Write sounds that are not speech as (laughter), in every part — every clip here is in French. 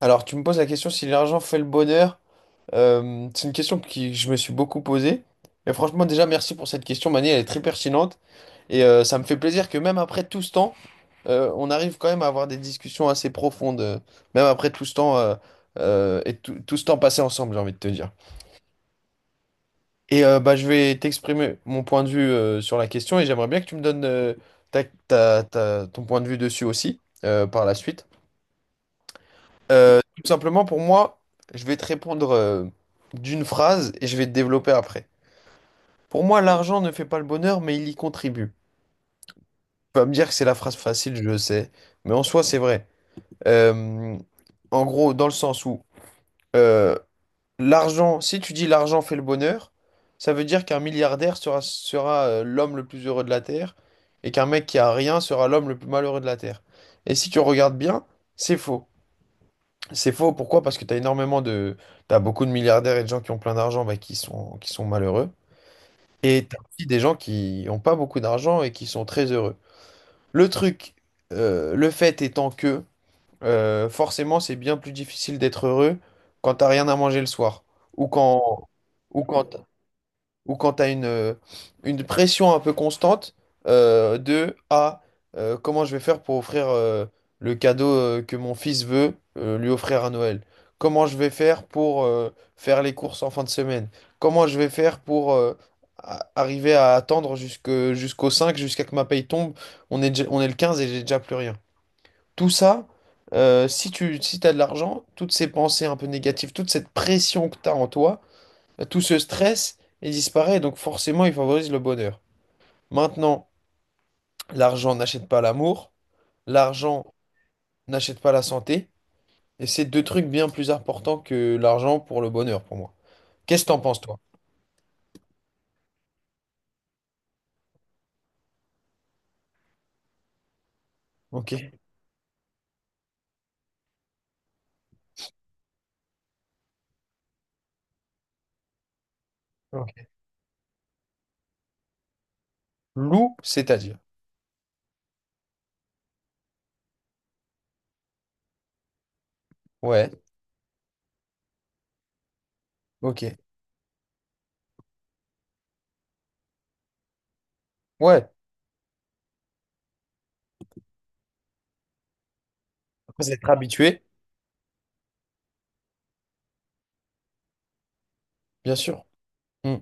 Alors, tu me poses la question si l'argent fait le bonheur. C'est une question qui je me suis beaucoup posée. Et franchement, déjà, merci pour cette question, Mani, elle est très pertinente. Et ça me fait plaisir que même après tout ce temps, on arrive quand même à avoir des discussions assez profondes, même après tout ce temps et tout ce temps passé ensemble, j'ai envie de te dire. Et bah, je vais t'exprimer mon point de vue sur la question et j'aimerais bien que tu me donnes ton point de vue dessus aussi par la suite. Tout simplement, pour moi, je vais te répondre d'une phrase et je vais te développer après. Pour moi, l'argent ne fait pas le bonheur, mais il y contribue. Tu vas me dire que c'est la phrase facile, je le sais, mais en soi, c'est vrai. Euh, En gros, dans le sens où euh, l'argent, si tu dis l'argent fait le bonheur, ça veut dire qu'un milliardaire sera l'homme le plus heureux de la Terre et qu'un mec qui a rien sera l'homme le plus malheureux de la Terre. Et si tu regardes bien, c'est faux. C'est faux, pourquoi? Parce que tu as énormément de. T'as beaucoup de milliardaires et de gens qui ont plein d'argent, bah, qui sont malheureux. Et t'as aussi des gens qui n'ont pas beaucoup d'argent et qui sont très heureux. Le truc, le fait étant que forcément, c'est bien plus difficile d'être heureux quand t'as rien à manger le soir. Ou quand, ou quand ou quand tu as une pression un peu constante. euh, de ah, Comment je vais faire pour offrir le cadeau que mon fils veut lui offrir à Noël? Comment je vais faire pour faire les courses en fin de semaine? Comment je vais faire pour arriver à attendre jusqu'au 5, jusqu'à que ma paye tombe? On est le 15 et j'ai déjà plus rien. Tout ça, si t'as de l'argent, toutes ces pensées un peu négatives, toute cette pression que tu as en toi, tout ce stress, il disparaît, donc forcément, il favorise le bonheur. Maintenant, l'argent n'achète pas l'amour, l'argent n'achète pas la santé, et c'est deux trucs bien plus importants que l'argent pour le bonheur, pour moi. Qu'est-ce que t'en penses, toi? Ok. Ok. Loup, c'est-à-dire. Ouais, ok. Ouais, après c'est être habitué, bien sûr. Hmm.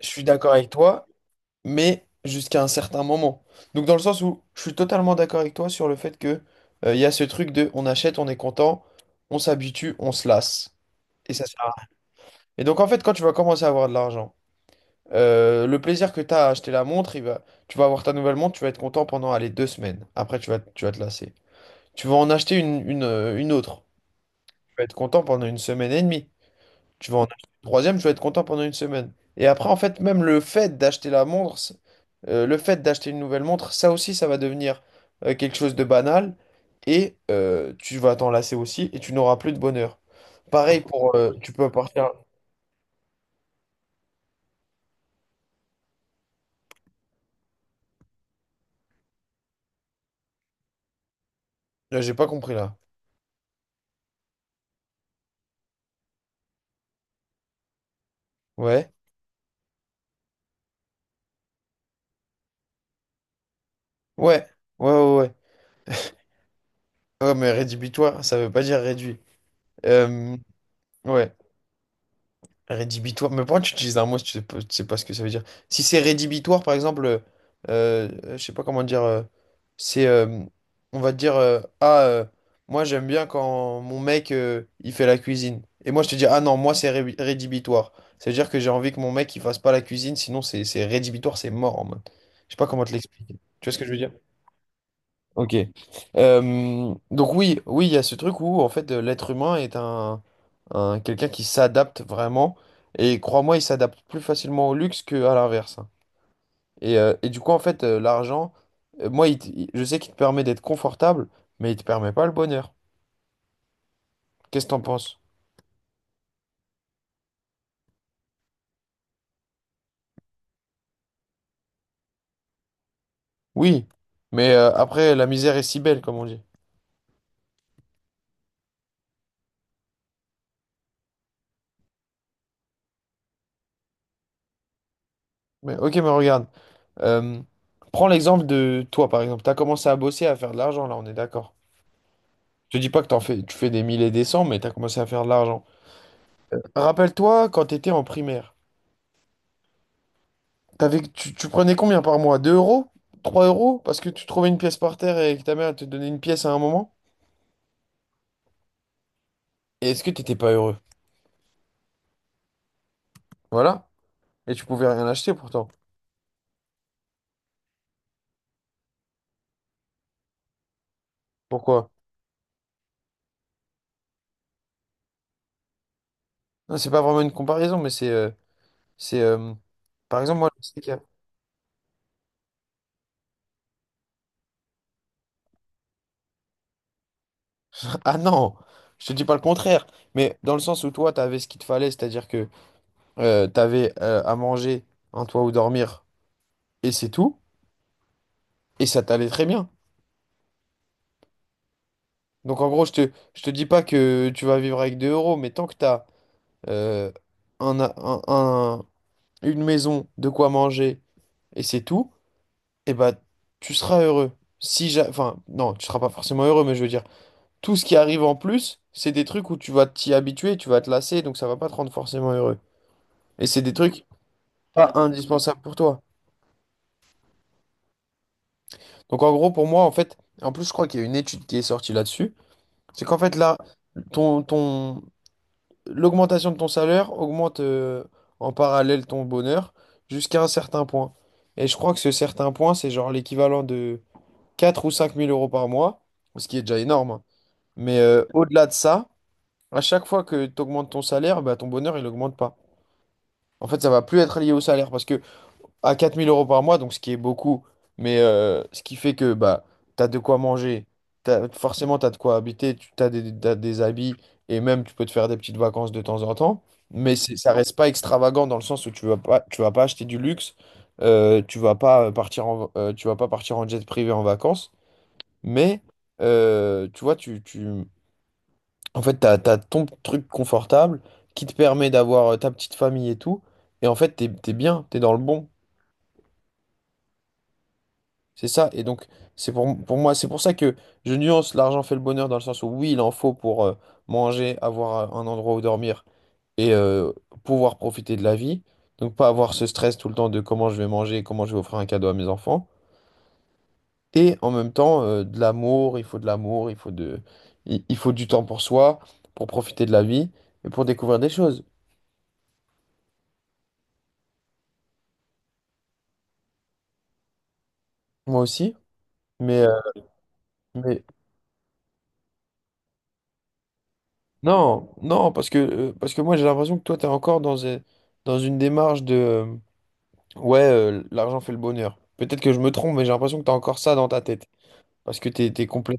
Je suis d'accord avec toi, mais jusqu'à un certain moment. Donc dans le sens où je suis totalement d'accord avec toi sur le fait que il y a ce truc de on achète, on est content, on s'habitue, on se lasse. Et ça sert à rien. Et donc, en fait, quand tu vas commencer à avoir de l'argent, le plaisir que tu as à acheter la montre, tu vas avoir ta nouvelle montre, tu vas être content pendant, les 2 semaines. Après, tu vas te lasser. Tu vas en acheter une autre. Tu vas être content pendant une semaine et demie. Tu vas en acheter une troisième, tu vas être content pendant une semaine. Et après, en fait, même le fait d'acheter la montre, le fait d'acheter une nouvelle montre, ça aussi, ça va devenir quelque chose de banal. Et tu vas t'en lasser aussi et tu n'auras plus de bonheur. Pareil pour. Tu peux partir. J'ai pas compris là. Ouais, ouais, ouais, ouais, ouais. Ouais, mais rédhibitoire, ça veut pas dire réduit. Euh, ouais, rédhibitoire. Mais pourquoi tu utilises un mot si tu sais pas ce que ça veut dire? Si c'est rédhibitoire, par exemple, je sais pas comment dire, c'est, on va te dire, moi j'aime bien quand mon mec, il fait la cuisine. Et moi je te dis, ah non, moi rédhibitoire. Ça veut dire que j'ai envie que mon mec, il fasse pas la cuisine, sinon c'est rédhibitoire, c'est mort en mode. Je sais pas comment te l'expliquer. Tu vois ce que je veux dire? Ok. Donc oui, oui, il y a ce truc où en fait l'être humain est quelqu'un qui s'adapte vraiment et crois-moi, il s'adapte plus facilement au luxe qu'à l'inverse. Hein. Et du coup en fait l'argent, moi je sais qu'il te permet d'être confortable, mais il te permet pas le bonheur. Qu'est-ce que t'en penses? Oui, mais après la misère est si belle comme on dit. Mais ok, mais regarde, euh, prends l'exemple de toi par exemple. T'as commencé à bosser à faire de l'argent là, on est d'accord. Je te dis pas que t'en fais, tu fais des mille et des cents, mais t'as commencé à faire de l'argent. Rappelle-toi quand t'étais en primaire. Tu prenais combien par mois? 2 euros? 3 euros? Parce que tu trouvais une pièce par terre et que ta mère te donnait une pièce à un moment? Et est-ce que t'étais pas heureux? Voilà. Et tu pouvais rien acheter pourtant. Pourquoi? Non, c'est pas vraiment une comparaison, mais c'est. Par exemple, moi, je sais qu'il y a- (laughs) Ah non! Je te dis pas le contraire. Mais dans le sens où toi, t'avais ce qu'il te fallait, c'est-à-dire que t'avais à manger, un toit où dormir, et c'est tout. Et ça t'allait très bien. Donc en gros, je te dis pas que tu vas vivre avec 2 euros, mais tant que t'as euh, un, a- un- un- une maison, de quoi manger, et c'est tout, et bah tu seras heureux. Si ja- Enfin, non, tu seras pas forcément heureux, mais je veux dire, tout ce qui arrive en plus, c'est des trucs où tu vas t'y habituer, tu vas te lasser, donc ça va pas te rendre forcément heureux. Et c'est des trucs pas indispensables pour toi. Donc en gros, pour moi, en fait, en plus, je crois qu'il y a une étude qui est sortie là-dessus, c'est qu'en fait, là, ton, ton, l'augmentation de ton salaire augmente en parallèle ton bonheur jusqu'à un certain point. Et je crois que ce certain point, c'est genre l'équivalent de 4 000 ou 5 000 € par mois, ce qui est déjà énorme. Hein. Mais au-delà de ça, à chaque fois que tu augmentes ton salaire, bah, ton bonheur, il augmente pas. En fait, ça va plus être lié au salaire parce que à 4 000 € par mois, donc ce qui est beaucoup, mais ce qui fait que bah, tu as de quoi manger, t'as, forcément tu as de quoi habiter, t'as des habits et même tu peux te faire des petites vacances de temps en temps, mais ça reste pas extravagant dans le sens où tu vas pas acheter du luxe, tu vas pas partir en jet privé en vacances, mais tu vois, en fait, tu as, ton truc confortable qui te permet d'avoir ta petite famille et tout, et en fait, tu es bien, tu es dans le bon. C'est ça, et donc pour moi, c'est pour ça que je nuance l'argent fait le bonheur dans le sens où oui, il en faut pour manger, avoir un endroit où dormir et pouvoir profiter de la vie. Donc pas avoir ce stress tout le temps de comment je vais manger, comment je vais offrir un cadeau à mes enfants. Et en même temps, de l'amour, il faut de l'amour, il faut du temps pour soi, pour profiter de la vie et pour découvrir des choses. Moi aussi, mais, euh, mais non, non, parce que moi j'ai l'impression que toi, tu es encore dans une démarche de. Ouais, l'argent fait le bonheur. Peut-être que je me trompe, mais j'ai l'impression que t'as encore ça dans ta tête. Parce que t'es complet.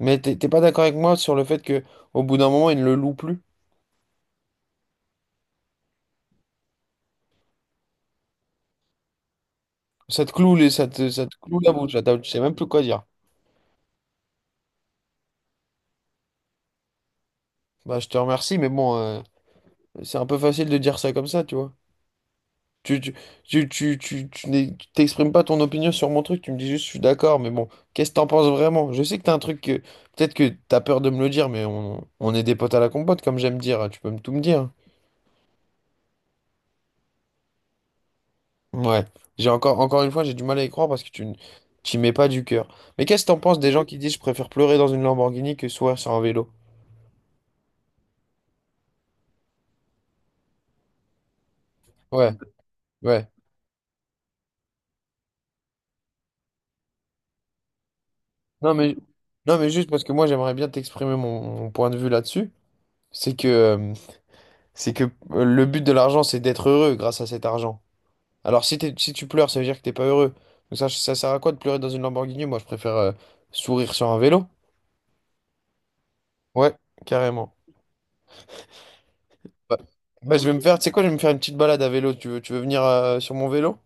Mais t'es pas d'accord avec moi sur le fait que au bout d'un moment, il ne le loue plus. Ça te cloue les, ça te cloue la bouche, là, tu sais même plus quoi dire. Bah, je te remercie, mais bon, c'est un peu facile de dire ça comme ça, tu vois. Tu, tu, Tu t'exprimes pas ton opinion sur mon truc, tu me dis juste je suis d'accord, mais bon, qu'est-ce que t'en penses vraiment? Je sais que t'as un truc que peut-être que t'as peur de me le dire, mais on est des potes à la compote, comme j'aime dire, tu peux me tout me dire. Ouais, j'ai encore une fois, j'ai du mal à y croire parce que t'y mets pas du cœur. Mais qu'est-ce que t'en penses des gens qui disent je préfère pleurer dans une Lamborghini que sourire sur un vélo? Ouais, ouais. Non mais, non mais juste parce que moi j'aimerais bien t'exprimer mon point de vue là-dessus. C'est que, euh, c'est que le but de l'argent c'est d'être heureux grâce à cet argent. Alors si tu pleures, ça veut dire que t'es pas heureux. Donc ça sert à quoi de pleurer dans une Lamborghini? Moi je préfère sourire sur un vélo. Ouais, carrément. Bah, bah, je vais me faire, tu sais quoi, je vais me faire une petite balade à vélo. Tu veux venir sur mon vélo?